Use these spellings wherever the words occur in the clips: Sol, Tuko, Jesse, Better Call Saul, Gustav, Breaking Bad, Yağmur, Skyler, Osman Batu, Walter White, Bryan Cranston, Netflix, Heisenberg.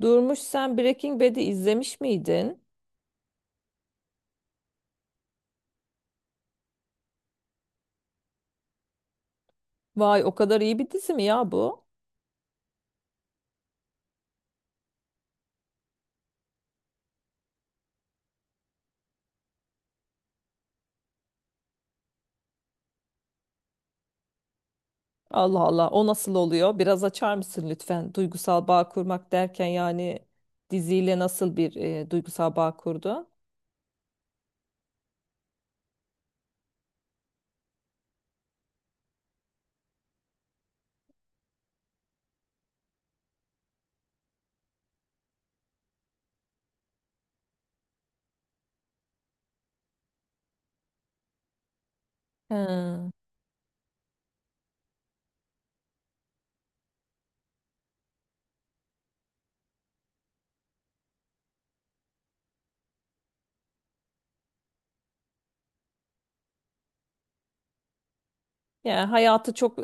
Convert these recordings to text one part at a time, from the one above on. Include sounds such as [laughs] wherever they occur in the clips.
Durmuş sen Breaking Bad'i izlemiş miydin? Vay o kadar iyi bir dizi mi ya bu? Allah Allah o nasıl oluyor? Biraz açar mısın lütfen? Duygusal bağ kurmak derken yani diziyle nasıl bir duygusal bağ kurdu? Hmm. Yani hayatı çok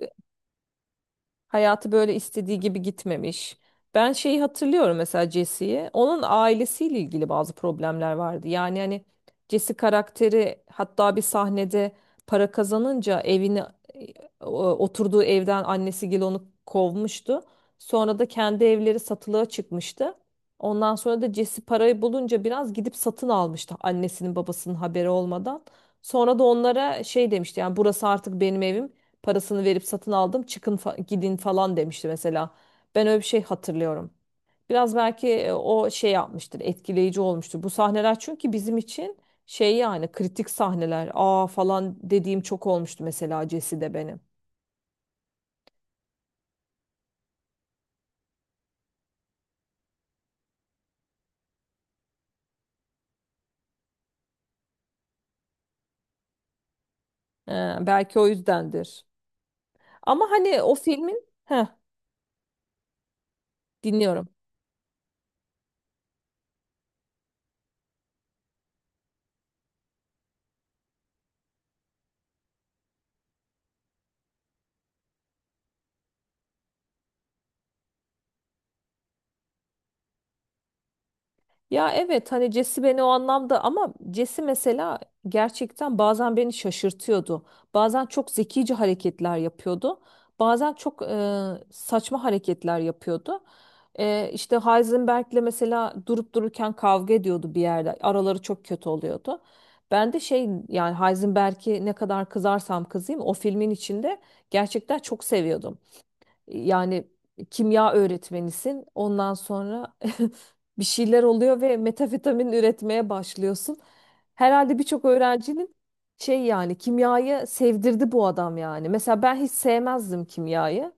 Hayatı böyle istediği gibi gitmemiş. Ben şeyi hatırlıyorum mesela Jesse'yi. Onun ailesiyle ilgili bazı problemler vardı. Yani hani Jesse karakteri hatta bir sahnede para kazanınca evini e, oturduğu evden annesi Gil onu kovmuştu. Sonra da kendi evleri satılığa çıkmıştı. Ondan sonra da Jesse parayı bulunca biraz gidip satın almıştı annesinin babasının haberi olmadan. Sonra da onlara şey demişti yani burası artık benim evim. Parasını verip satın aldım. Çıkın gidin falan demişti mesela. Ben öyle bir şey hatırlıyorum. Biraz belki o şey yapmıştır, etkileyici olmuştur. Bu sahneler çünkü bizim için şey yani kritik sahneler. Aa falan dediğim çok olmuştu mesela Cesi'de benim. Belki o yüzdendir. Ama hani o filmin dinliyorum. Ya evet hani Cesi beni o anlamda ama Cesi mesela gerçekten bazen beni şaşırtıyordu. Bazen çok zekice hareketler yapıyordu. Bazen çok saçma hareketler yapıyordu. İşte Heisenberg'le mesela durup dururken kavga ediyordu bir yerde. Araları çok kötü oluyordu. Ben de şey yani Heisenberg'i ne kadar kızarsam kızayım o filmin içinde gerçekten çok seviyordum. Yani kimya öğretmenisin. Ondan sonra [laughs] bir şeyler oluyor ve metafetamin üretmeye başlıyorsun. Herhalde birçok öğrencinin şey yani kimyayı sevdirdi bu adam yani. Mesela ben hiç sevmezdim kimyayı.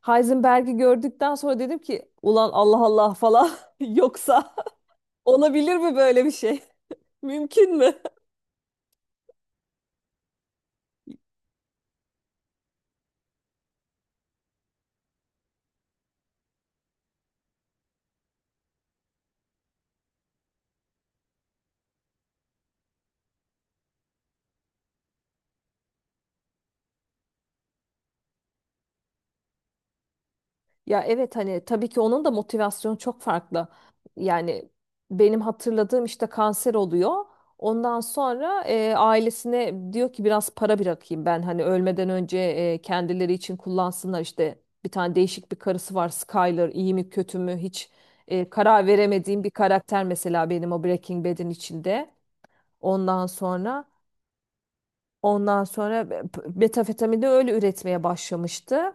Heisenberg'i gördükten sonra dedim ki ulan Allah Allah falan [laughs] yoksa olabilir mi böyle bir şey? [laughs] Mümkün mü? Ya evet hani tabii ki onun da motivasyonu çok farklı. Yani benim hatırladığım işte kanser oluyor. Ondan sonra ailesine diyor ki biraz para bırakayım ben hani ölmeden önce kendileri için kullansınlar işte bir tane değişik bir karısı var Skyler iyi mi kötü mü hiç karar veremediğim bir karakter mesela benim o Breaking Bad'in içinde. Ondan sonra ondan sonra metafetamini öyle üretmeye başlamıştı.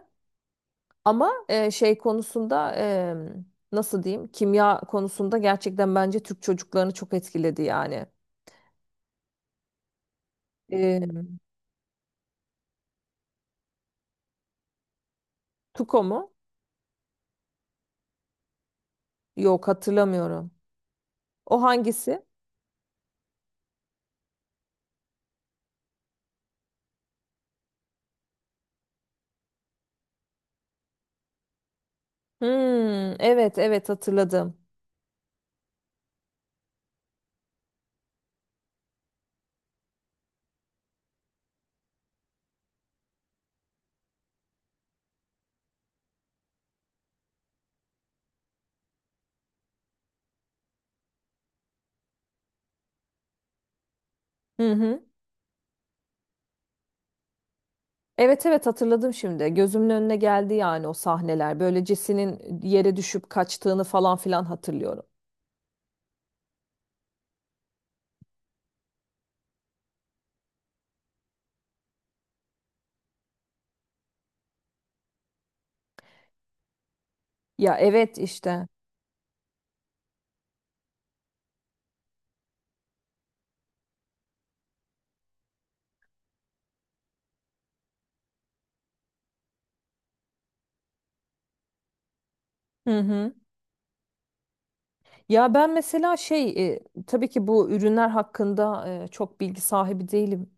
Ama nasıl diyeyim kimya konusunda gerçekten bence Türk çocuklarını çok etkiledi yani. E, Tuko mu? Yok hatırlamıyorum. O hangisi? Hmm, evet evet hatırladım. Hı hı. Evet evet hatırladım şimdi. Gözümün önüne geldi yani o sahneler. Böyle Jesse'nin yere düşüp kaçtığını falan filan hatırlıyorum. Ya evet işte. Hı hı. Ya ben mesela tabii ki bu ürünler hakkında çok bilgi sahibi değilim.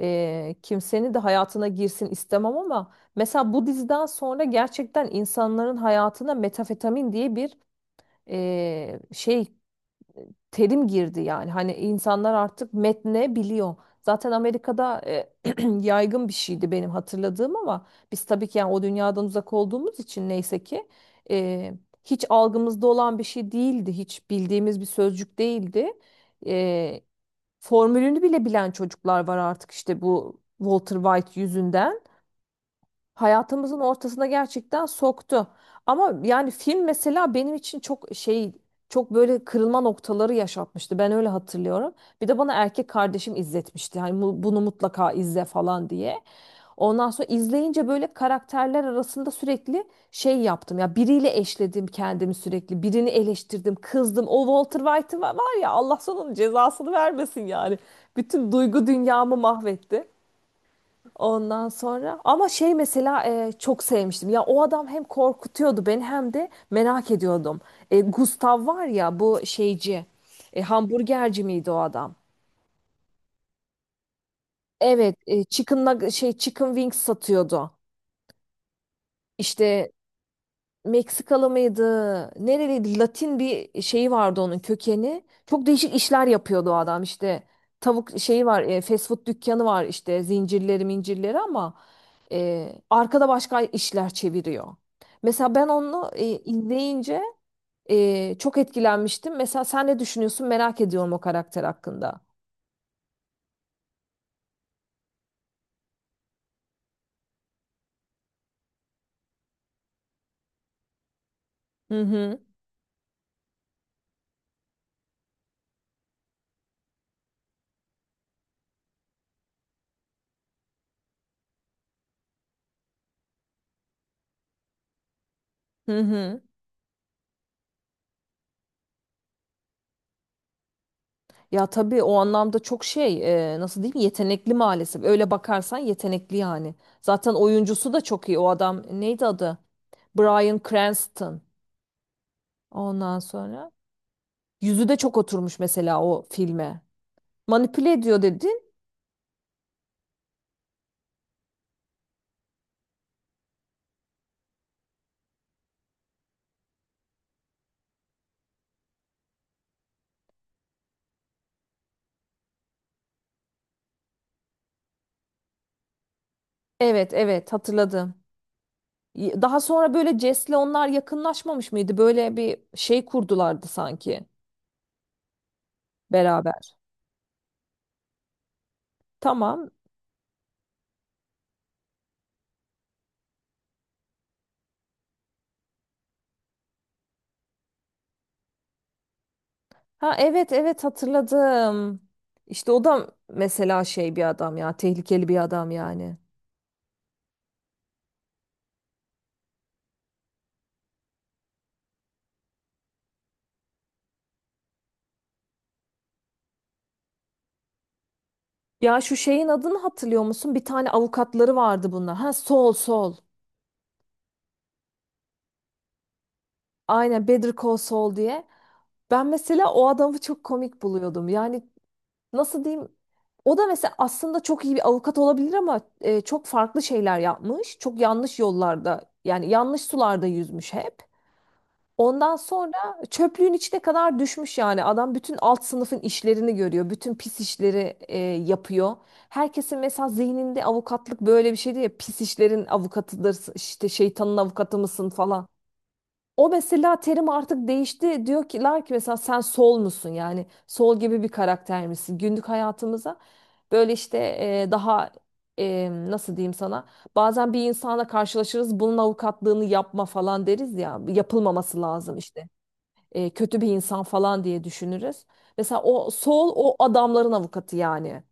Kimsenin de hayatına girsin istemem ama mesela bu diziden sonra gerçekten insanların hayatına metafetamin diye bir e, şey terim girdi yani. Hani insanlar artık metne biliyor. Zaten Amerika'da [clears throat] yaygın bir şeydi benim hatırladığım ama biz tabii ki yani o dünyadan uzak olduğumuz için neyse ki e, hiç algımızda olan bir şey değildi. Hiç bildiğimiz bir sözcük değildi. E, formülünü bile bilen çocuklar var artık işte bu Walter White yüzünden hayatımızın ortasına gerçekten soktu. Ama yani film mesela benim için çok şey çok böyle kırılma noktaları yaşatmıştı. Ben öyle hatırlıyorum. Bir de bana erkek kardeşim izletmişti. Hani bunu mutlaka izle falan diye. Ondan sonra izleyince böyle karakterler arasında sürekli şey yaptım. Ya biriyle eşledim kendimi sürekli. Birini eleştirdim, kızdım. O Walter White var ya Allah sana onun cezasını vermesin yani. Bütün duygu dünyamı mahvetti. Ondan sonra ama şey mesela çok sevmiştim. Ya o adam hem korkutuyordu beni hem de merak ediyordum. Gustav var ya bu şeyci. Hamburgerci miydi o adam? Evet, şey chicken wings satıyordu. İşte Meksikalı mıydı? Nereliydi? Latin bir şeyi vardı onun kökeni. Çok değişik işler yapıyordu o adam işte. Tavuk şeyi var, fast food dükkanı var işte zincirleri mincirleri ama arkada başka işler çeviriyor. Mesela ben onu izleyince çok etkilenmiştim. Mesela sen ne düşünüyorsun? Merak ediyorum o karakter hakkında. Hı hı. Hı hı. Ya tabii o anlamda çok şey nasıl diyeyim yetenekli maalesef. Öyle bakarsan yetenekli yani. Zaten oyuncusu da çok iyi. O adam neydi adı? Bryan Cranston. Ondan sonra yüzü de çok oturmuş mesela o filme. Manipüle ediyor dedin. Evet evet hatırladım. Daha sonra böyle Jess'le onlar yakınlaşmamış mıydı? Böyle bir şey kurdulardı sanki beraber. Tamam. Ha evet evet hatırladım. İşte o da mesela şey bir adam ya, tehlikeli bir adam yani. Ya şu şeyin adını hatırlıyor musun? Bir tane avukatları vardı bunlar. Ha Sol. Aynen Better Call Saul diye. Ben mesela o adamı çok komik buluyordum. Yani nasıl diyeyim o da mesela aslında çok iyi bir avukat olabilir ama çok farklı şeyler yapmış. Çok yanlış yollarda yani yanlış sularda yüzmüş hep. Ondan sonra çöplüğün içine kadar düşmüş yani adam bütün alt sınıfın işlerini görüyor. Bütün pis işleri yapıyor. Herkesin mesela zihninde avukatlık böyle bir şeydi ya pis işlerin avukatıdır işte şeytanın avukatı mısın falan. O mesela terim artık değişti. Diyorlar ki mesela sen sol musun? Yani sol gibi bir karakter misin? Günlük hayatımıza böyle işte e, daha nasıl diyeyim sana? Bazen bir insanla karşılaşırız. Bunun avukatlığını yapma falan deriz ya. Yapılmaması lazım işte. Kötü bir insan falan diye düşünürüz. Mesela o sol o adamların avukatı yani.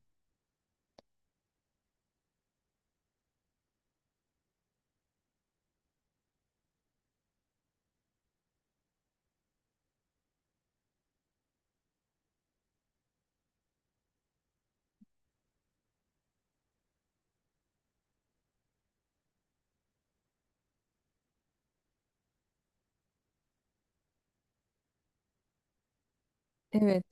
Evet.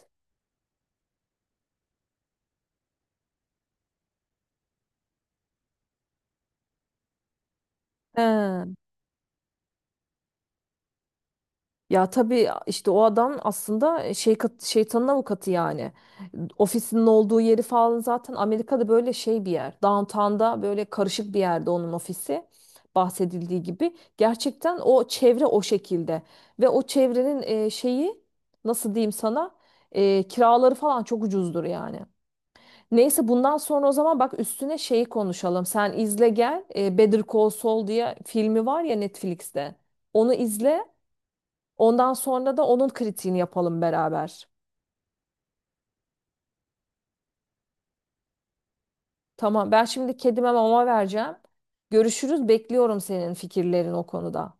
He. Ya tabii işte o adam aslında şeytanın avukatı yani. Ofisinin olduğu yeri falan zaten Amerika'da böyle şey bir yer. Downtown'da böyle karışık bir yerde onun ofisi bahsedildiği gibi. Gerçekten o çevre o şekilde ve o çevrenin şeyi nasıl diyeyim sana kiraları falan çok ucuzdur yani. Neyse bundan sonra o zaman bak üstüne şeyi konuşalım. Sen izle gel. Better Call Saul diye filmi var ya Netflix'te. Onu izle. Ondan sonra da onun kritiğini yapalım beraber. Tamam, ben şimdi kedime mama vereceğim. Görüşürüz, bekliyorum senin fikirlerin o konuda.